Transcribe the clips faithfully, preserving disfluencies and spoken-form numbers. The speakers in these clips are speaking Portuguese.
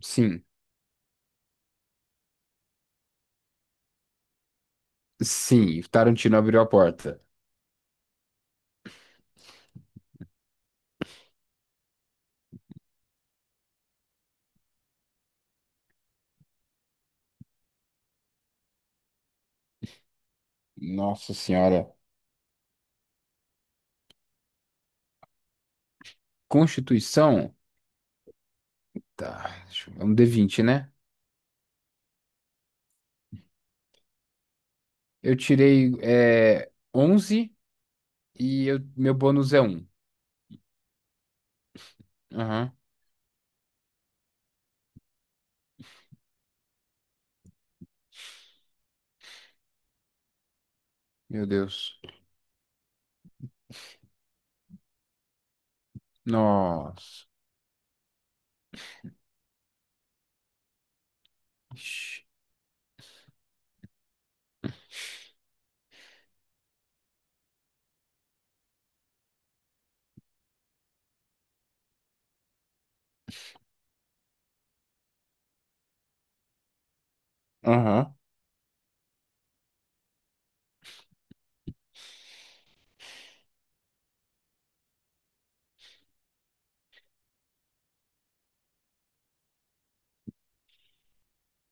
Sim, sim, Tarantino abriu a porta. Nossa Senhora. Constituição? Tá, deixa eu ver, é um d vinte, né? Eu tirei é, onze, e eu- meu bônus é um. Aham. Meu Deus. Nossa. Ixi. Aham,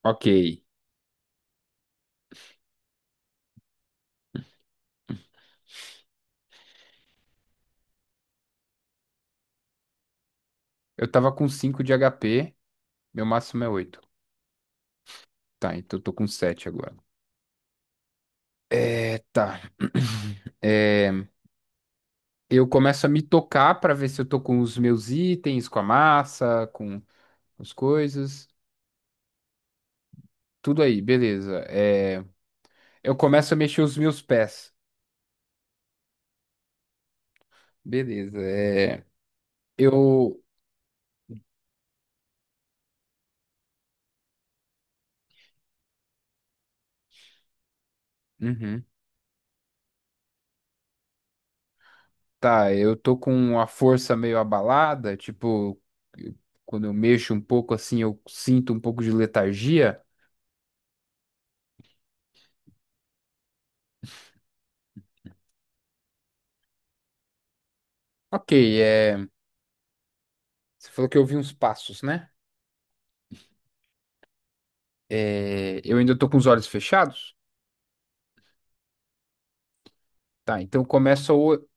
ok. Eu tava com cinco de H P, meu máximo é oito. Tá, então eu tô com sete agora. É, tá. É, eu começo a me tocar pra ver se eu tô com os meus itens, com a massa, com as coisas. Tudo aí, beleza. É, eu começo a mexer os meus pés. Beleza. É, eu. Uhum. Tá, eu tô com a força meio abalada, tipo, eu- quando eu mexo um pouco assim, eu sinto um pouco de letargia. Ok, é, você falou que eu ouvi uns passos, né? É, eu ainda tô com os olhos fechados, tá? Então eu começo a o-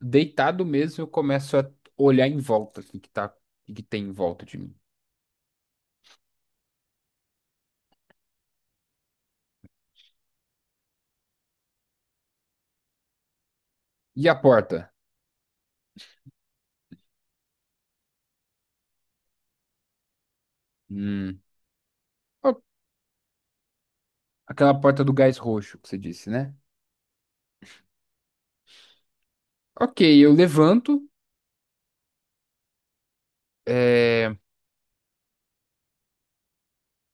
deitado mesmo, eu começo a olhar em volta, assim, que tá, o que tem em volta de mim. E a porta? Hum, ó, aquela porta do gás roxo que você disse, né? Ok, eu levanto, é,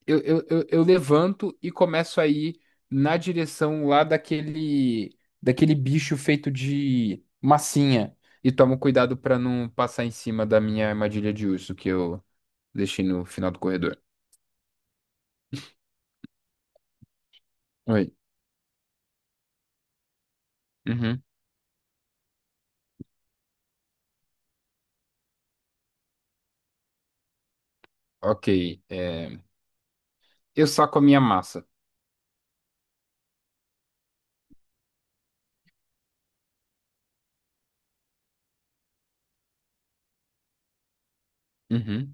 eu, eu, eu, eu levanto e começo a ir na direção lá daquele, daquele bicho feito de massinha. E tomo cuidado pra não passar em cima da minha armadilha de urso que eu deixei no final do corredor. Oi. Uhum. Ok, é, eu saco a minha massa. Uhum.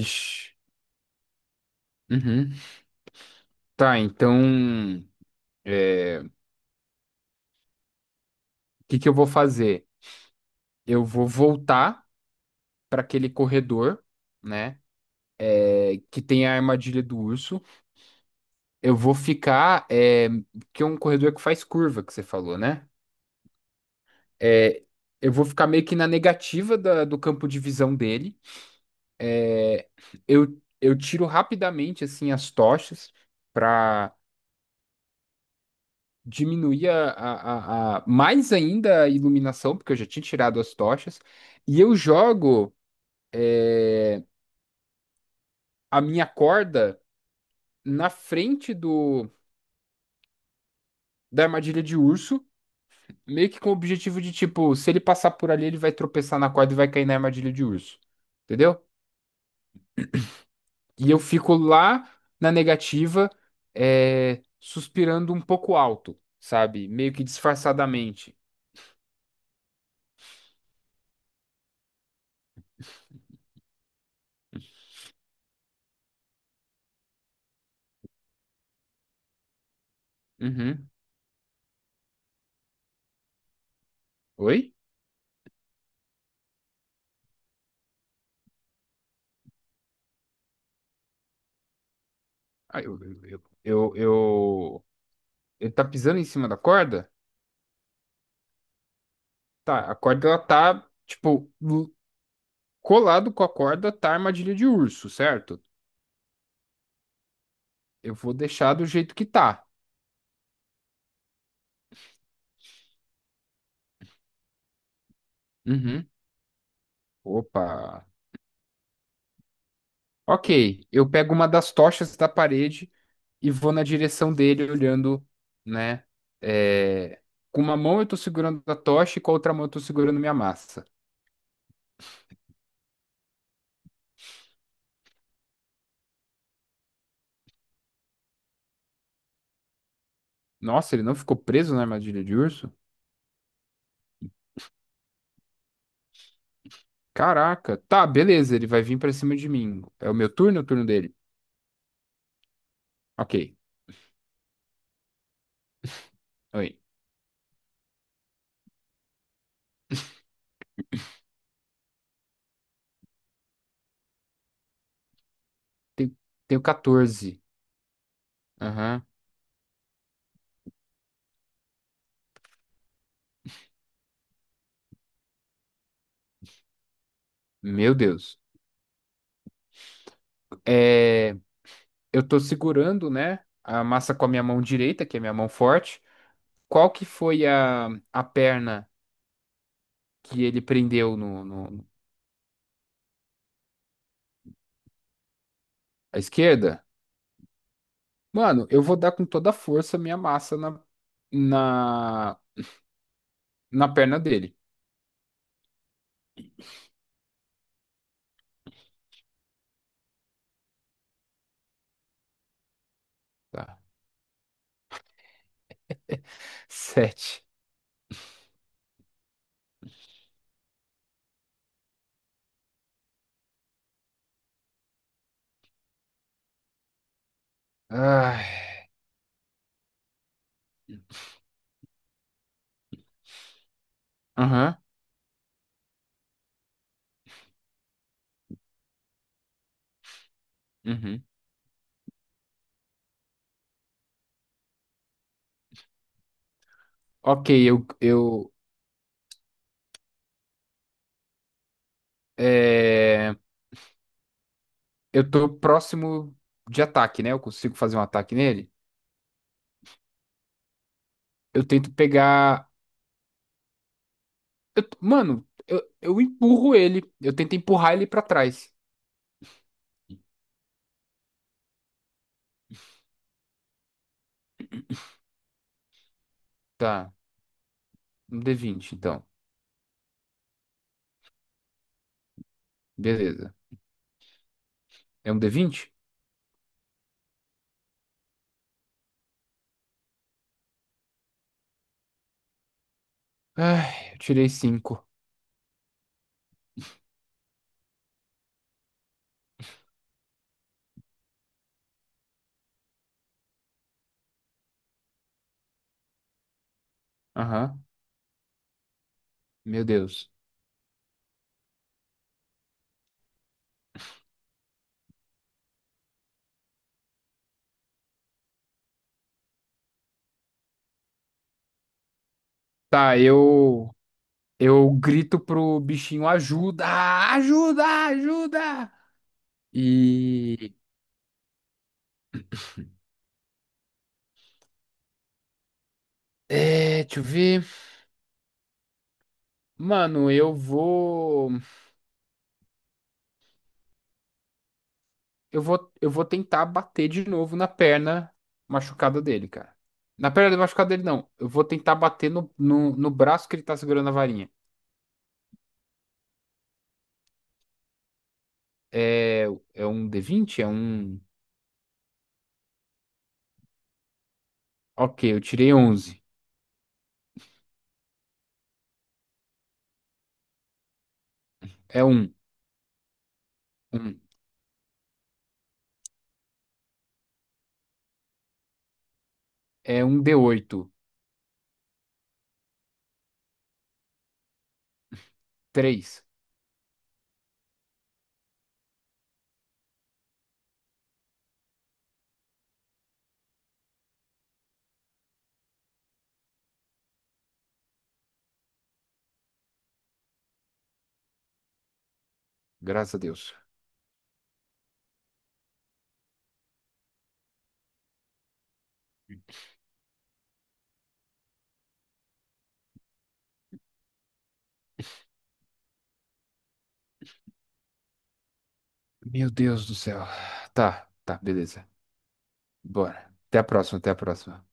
Ixi. Uhum. Tá, então, é, o que que eu vou fazer? Eu vou voltar para aquele corredor, né? É, que tem a armadilha do urso. Eu vou ficar, é... que é um corredor que faz curva, que você falou, né? É... Eu vou ficar meio que na negativa da- do campo de visão dele. É, Eu, eu tiro rapidamente assim as tochas. Diminuía a, a, a- mais ainda a iluminação, porque eu já tinha tirado as tochas, e eu jogo a minha corda na frente do da armadilha de urso, meio que com o objetivo de, tipo, se ele passar por ali, ele vai tropeçar na corda e vai cair na armadilha de urso, entendeu? E eu fico lá na negativa, é, suspirando um pouco alto, sabe? Meio que disfarçadamente. Uhum. Oi? Ah, eu, eu, eu, eu, eu- ele tá pisando em cima da corda? Tá, a corda, ela tá, tipo, l- colado com a corda tá a armadilha de urso, certo? Eu vou deixar do jeito que tá. Uhum. Opa. Ok, eu pego uma das tochas da parede e vou na direção dele, olhando, né? É, com uma mão eu tô segurando a tocha e com a outra mão eu tô segurando minha massa. Nossa, ele não ficou preso na armadilha de urso? Caraca. Tá, beleza, ele vai vir pra cima de mim. É o meu turno, ou é o turno dele? Ok. Oi. Tem tenho catorze. Aham. Meu Deus. É, eu tô segurando, né, a massa com a minha mão direita, que é a minha mão forte. Qual que foi a, a perna que ele prendeu no, no- à esquerda? Mano, eu vou dar com toda a força a minha massa na, na, na perna dele. Tá. Sete. Ai. Aham. Uhum. Ok, eu, eu, é, eu tô próximo de ataque, né? Eu consigo fazer um ataque nele. Eu tento pegar Eu- mano, eu, eu empurro ele. Eu tento empurrar ele pra trás. Tá. Um d vinte, então. Beleza. É um d vinte? Ai, eu tirei cinco. Aham. Meu Deus. Tá, eu. Eu grito pro bichinho: ajuda! Ajuda! Ajuda! E. É, deixa eu ver. Mano, eu vou. Eu vou, eu vou tentar bater de novo na perna machucada dele, cara. Na perna machucada dele, não. Eu vou tentar bater no, no, no braço que ele tá segurando a varinha. É, é um d vinte. É um. Ok, eu tirei onze. É um. Um. É um d oito. Três. Graças a Deus. Meu Deus do céu. Tá, tá, beleza. Bora. Até a próxima, até a próxima.